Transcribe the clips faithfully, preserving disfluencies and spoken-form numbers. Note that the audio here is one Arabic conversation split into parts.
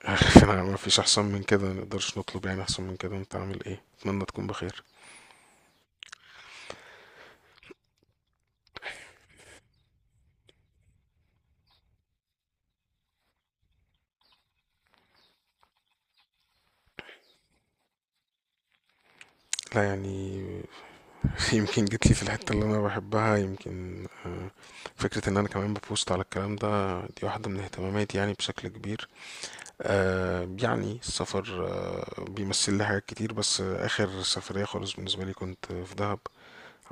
انا ما فيش احسن من كده، ما نقدرش نطلب يعني احسن من كده. انت عامل ايه؟ اتمنى تكون بخير. لا يعني. يمكن جيت لي في الحته اللي انا بحبها. يمكن آه، فكره ان انا كمان ببوست على الكلام ده، دي واحده من اهتماماتي يعني بشكل كبير. آه، يعني السفر آه، بيمثل لي حاجات كتير. بس اخر سفريه خالص بالنسبه لي كنت في دهب.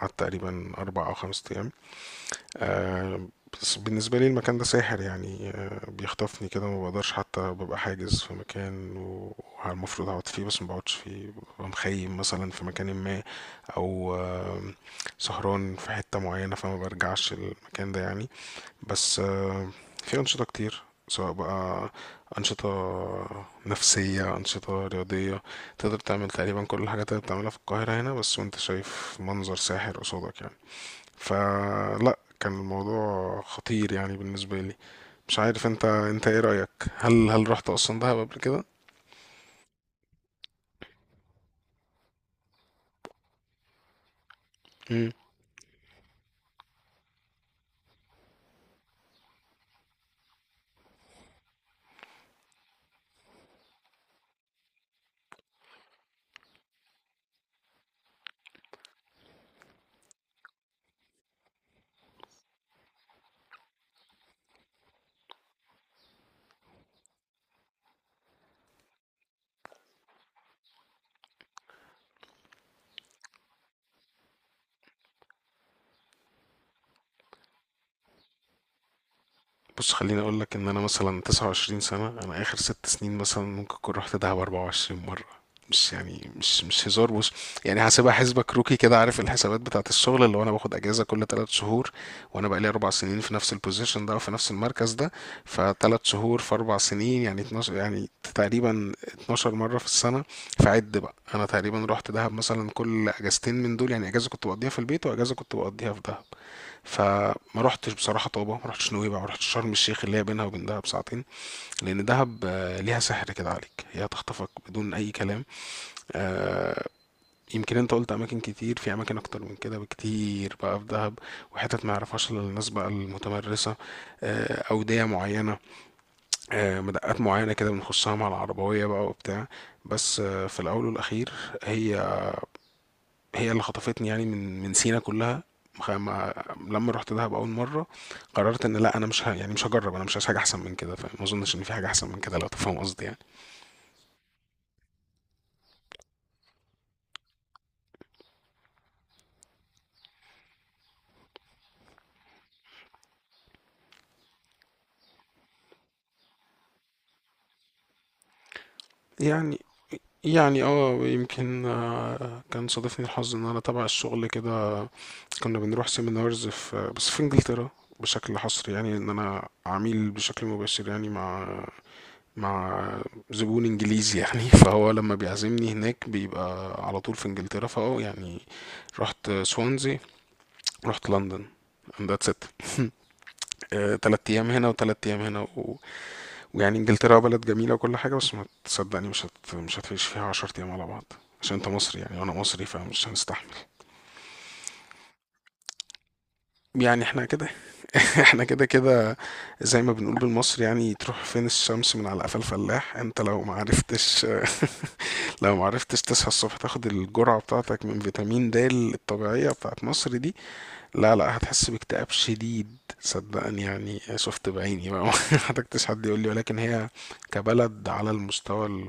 قعدت تقريبا اربع او خمس ايام. آه، بس بالنسبة لي المكان ده ساحر، يعني آه، بيخطفني كده. ما بقدرش حتى ببقى حاجز في مكان و- والمفروض اقعد فيه، بس ما بقعدش فيه، ببقى مخيم مثلا في مكان ما. او آه، سهران في حتة معينة، فما برجعش المكان ده يعني. بس آه، في أنشطة كتير، سواء بقى أنشطة نفسية، أنشطة رياضية. تقدر تعمل تقريبا كل الحاجات اللي بتعملها في القاهرة هنا، بس وانت شايف منظر ساحر قصادك يعني. فلا كان الموضوع خطير يعني بالنسبة لي. مش عارف انت انت ايه رأيك؟ هل هل رحت اصلا دهب قبل كده؟ بص، خليني اقول لك ان انا مثلا 29 سنه. انا اخر ست سنين مثلا ممكن اكون رحت دهب 24 مره. مش يعني مش مش هزار، بص. يعني هسيبها حسبة كروكي كده، عارف الحسابات بتاعت الشغل؟ اللي هو انا باخد اجازه كل ثلاث شهور. وانا بقالي اربع سنين في نفس البوزيشن ده وفي نفس المركز ده. فثلاث شهور في اربع سنين يعني اتناشر، يعني تقريبا 12 مره في السنه. فعد بقى، انا تقريبا رحت دهب مثلا كل اجازتين من دول، يعني اجازه كنت بقضيها في البيت واجازه كنت بقضيها في دهب. فما رحتش بصراحة طابة، ما رحتش نويبع، ما رحتش شرم الشيخ اللي هي بينها وبين دهب ساعتين. لأن دهب آه، ليها سحر كده عليك، هي هتخطفك بدون أي كلام. آه، يمكن انت قلت اماكن كتير، في اماكن اكتر من كده بكتير بقى في دهب. وحتت ما يعرفهاش الا الناس بقى المتمرسه. آه، اوديه معينه، آه، مدقات معينه كده بنخشها مع العربويه بقى وبتاع. بس آه، في الاول والاخير، هي هي اللي خطفتني، يعني من من سينا كلها. خ- ما لما رحت دهب اول مره قررت ان لا، انا مش ه... يعني مش هجرب. انا مش عايز حاجه احسن من كده، فما اظنش ان في حاجه احسن من كده، لو تفهم قصدي يعني. يعني يعني اه يمكن آه، كان صادفني الحظ ان انا تبع الشغل كده، كنا بنروح سيمينارز في بس في انجلترا بشكل حصري، يعني ان انا عميل بشكل مباشر يعني مع مع زبون انجليزي يعني. فهو لما بيعزمني هناك بيبقى على طول في انجلترا، فاه يعني رحت سوانزي، رحت لندن. And that's it. آه، تلات ايام هنا وتلات ايام هنا و... ويعني انجلترا بلد جميلة وكل حاجة، بس ما تصدقني، مش هت... مش هتعيش فيها عشر ايام على بعض. عشان انت مصري يعني وانا مصري، فمش هنستحمل. يعني احنا كده. احنا كده كده. زي ما بنقول بالمصري، يعني تروح فين الشمس من على قفا الفلاح؟ انت لو ما عرفتش، لو معرفتش تصحى الصبح تاخد الجرعة بتاعتك من فيتامين دي الطبيعية بتاعت مصر دي، لا لا، هتحس باكتئاب شديد. صدقني، يعني شفت بعيني بقى. ما حتكتش حد يقول لي. ولكن هي كبلد على المستوى ال...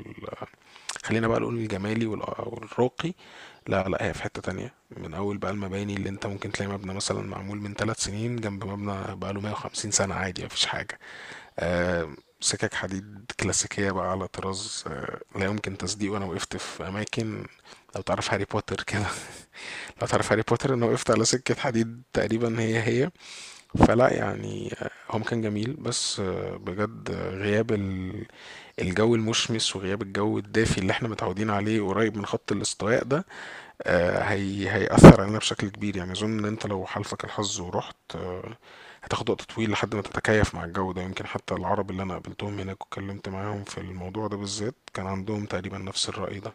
خلينا بقى نقول الجمالي والأ- والراقي، لا لا، هي في حتة تانية. من أول بقى المباني، اللي أنت ممكن تلاقي مبنى مثلا معمول من ثلاث سنين جنب مبنى بقاله 150 سنة عادي، مفيش حاجة. آه، سكك حديد كلاسيكية بقى على طراز آه، لا يمكن تصديقه. أنا وقفت في أماكن، لو تعرف هاري بوتر كده. لو تعرف هاري بوتر، أنا وقفت على سكة حديد تقريبا هي هي. فلا يعني آه، هم كان جميل، بس آه، بجد آه، غياب ال- الجو المشمس وغياب الجو الدافي اللي احنا متعودين عليه قريب من خط الاستواء ده، آه، هي هيأثر علينا بشكل كبير. يعني أظن إن أنت لو حالفك الحظ ورحت آه، هتاخد وقت طويل لحد ما تتكيف مع الجو ده. يمكن حتى العرب اللي أنا قابلتهم هناك واتكلمت معاهم في الموضوع ده بالذات كان عندهم تقريبا نفس الرأي ده.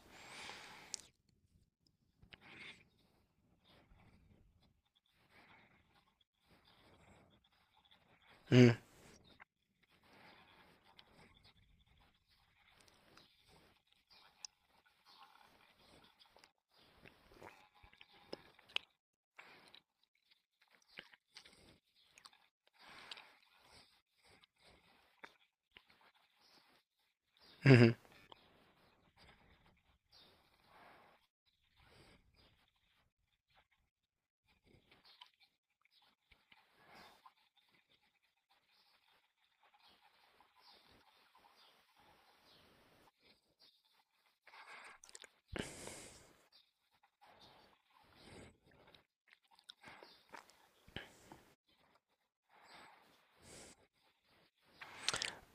مم. مهم.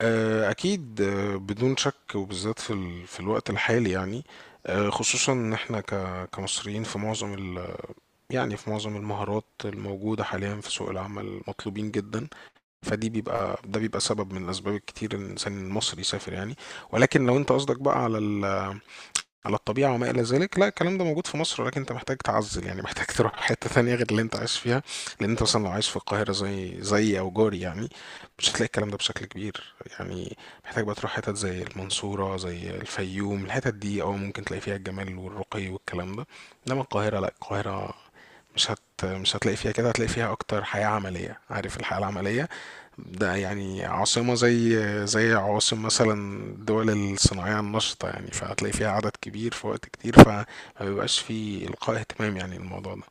آه، أكيد، آه، بدون شك، وبالذات في ال... في الوقت الحالي يعني. آه، خصوصا إن إحنا ك... كمصريين في معظم ال... يعني في معظم المهارات الموجودة حاليا في سوق العمل مطلوبين جدا. فدي بيبقى، ده بيبقى سبب من الأسباب الكتير إن الإنسان المصري يسافر يعني. ولكن لو أنت قصدك بقى على ال- على الطبيعة وما إلى ذلك، لا، الكلام ده موجود في مصر، ولكن أنت محتاج تعزل يعني. محتاج تروح حتة ثانية غير اللي أنت عايش فيها، لأن أنت مثلا لو عايش في القاهرة زي زي أو جوري، يعني مش هتلاقي الكلام ده بشكل كبير يعني. محتاج بقى تروح حتت زي المنصورة، زي الفيوم، الحتت دي أو ممكن تلاقي فيها الجمال والرقي والكلام ده. إنما القاهرة، لا القاهرة مش هت مش هتلاقي فيها كده، هتلاقي فيها اكتر حياة عملية. عارف الحياة العملية؟ ده يعني عاصمة زي زي عواصم مثلا الدول الصناعية النشطة يعني، فهتلاقي فيها عدد كبير في وقت كتير، فما بيبقاش فيه إلقاء اهتمام يعني الموضوع ده.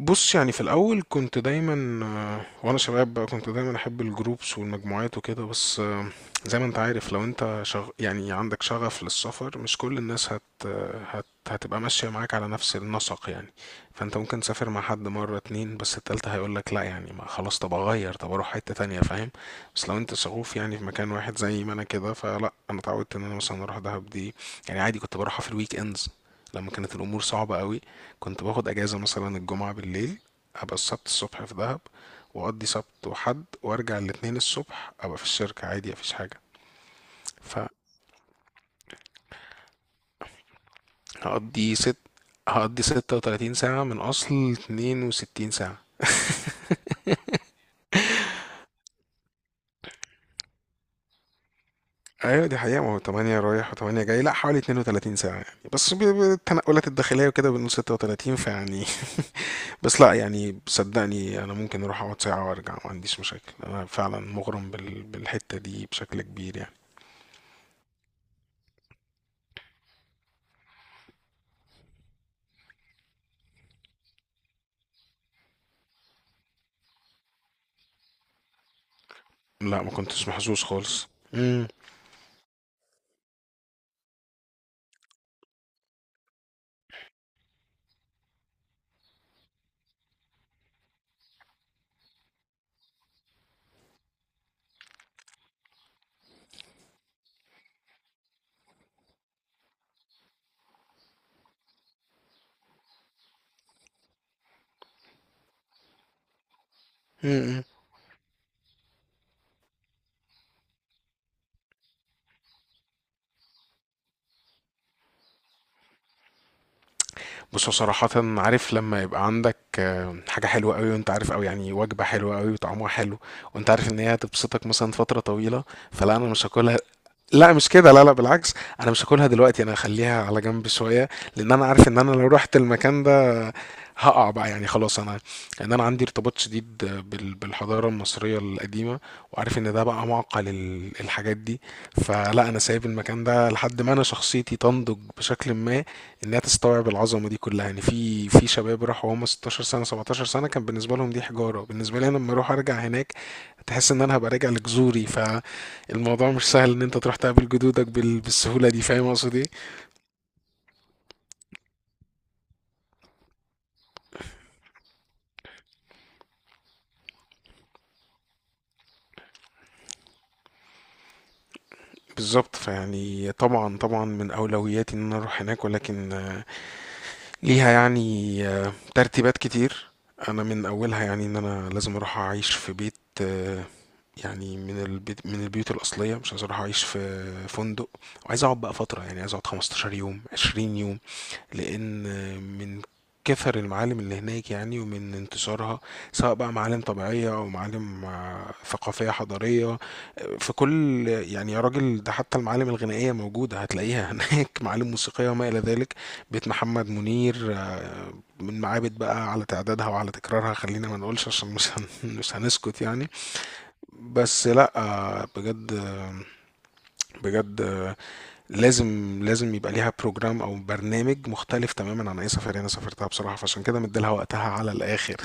بص يعني، في الاول كنت دايما آه، وانا شباب بقى كنت دايما احب الجروبس والمجموعات وكده. بس آه، زي ما انت عارف، لو انت شغ... يعني عندك شغف للسفر، مش كل الناس هت... آه، هت... هتبقى ماشية معاك على نفس النسق يعني. فانت ممكن تسافر مع حد مرة اتنين، بس التالتة هيقولك لا. يعني ما خلاص، طب اغير، طب اروح حتة تانية، فاهم؟ بس لو انت شغوف يعني في مكان واحد، زي ما انا كده، فلا انا اتعودت ان انا مثلا اروح دهب دي. يعني عادي، كنت بروحها في الويك اندز لما كانت الامور صعبة قوي. كنت باخد اجازة مثلا الجمعة بالليل، ابقى السبت الصبح في دهب، واقضي سبت وحد، وارجع الاتنين الصبح ابقى في الشركة عادي، مفيش حاجة. فهقضي ست هقضي ستة وتلاتين ساعة من اصل اتنين وستين ساعة. ايوه دي حقيقة، ما هو تمانية رايح وتمانية جاي، لا حوالي اتنين وتلاتين ساعة يعني، بس ب- ب- التنقلات الداخلية وكده بنقول ستة وتلاتين، فيعني. بس لا يعني، صدقني انا ممكن اروح اقعد ساعة وارجع، ما عنديش مشاكل. انا فعلا مغرم بال... بالحتة دي بشكل كبير يعني. لا ما كنتش محظوظ خالص. امم. امم. بص هو صراحة، عارف لما يبقى عندك آه، حاجة حلوة قوي، وانت عارف، او يعني وجبة حلوة قوي وطعمها حلو، وانت عارف ان هي هتبسطك مثلا فترة طويلة؟ فلا، انا مش هاكلها. لا مش كده، لا لا، بالعكس. انا مش هاكلها دلوقتي، انا هخليها على جنب شويه، لان انا عارف ان انا لو رحت المكان ده هقع بقى، يعني خلاص. انا، ان انا عندي ارتباط شديد بال- بالحضاره المصريه القديمه، وعارف ان ده بقى معقل ال- الحاجات دي. فلا انا سايب المكان ده لحد ما انا شخصيتي تنضج بشكل ما، انها تستوعب العظمه دي كلها. يعني في في شباب راحوا هم 16 سنه، 17 سنه، كان بالنسبه لهم دي حجاره. بالنسبه لي انا لما اروح ارجع هناك تحس ان انا هبقى راجع لجذوري. ف الموضوع مش سهل ان انت تروح تقابل جدودك بال... بالسهولة دي. فاهم اقصد ايه؟ بالظبط، فيعني طبعا، طبعا من اولوياتي ان انا اروح هناك، ولكن آه، ليها يعني آه، ترتيبات كتير. انا من اولها يعني ان انا لازم اروح اعيش في بيت، آه، يعني من البيت، من البيوت الأصلية. مش عايز أروح أعيش في فندق، وعايز أقعد بقى فترة، يعني عايز أقعد 15 يوم، 20 يوم. لان من كثر المعالم اللي هناك يعني ومن انتشارها، سواء بقى معالم طبيعية او معالم آه، ثقافية حضارية، آه، في كل يعني، يا راجل ده حتى المعالم الغنائية موجودة هتلاقيها هناك، معالم موسيقية وما الى ذلك. بيت محمد منير، آه، من معابد بقى، على تعدادها وعلى تكرارها، خلينا ما نقولش عشان مش هن- مش هنسكت يعني. بس لا آه، بجد، آه، بجد لازم لازم يبقى ليها بروجرام او برنامج مختلف تماما عن اي سفرية انا سافرتها بصراحة، فعشان كده مديلها وقتها على الاخر.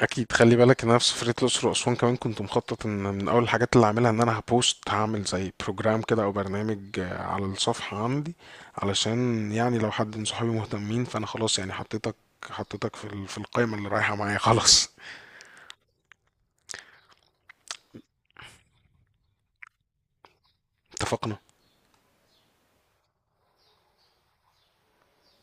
اكيد، خلي بالك ان انا في سفرية الاقصر واسوان كمان كنت مخطط ان من اول الحاجات اللي هعملها ان انا هبوست، هعمل زي بروجرام كده او برنامج آه، على الصفحة عندي. علشان يعني لو حد من صحابي مهتمين، فانا خلاص يعني حطيتك حطيتك في ال- في القائمة اللي رايحة معايا، خلاص. اتفقنا.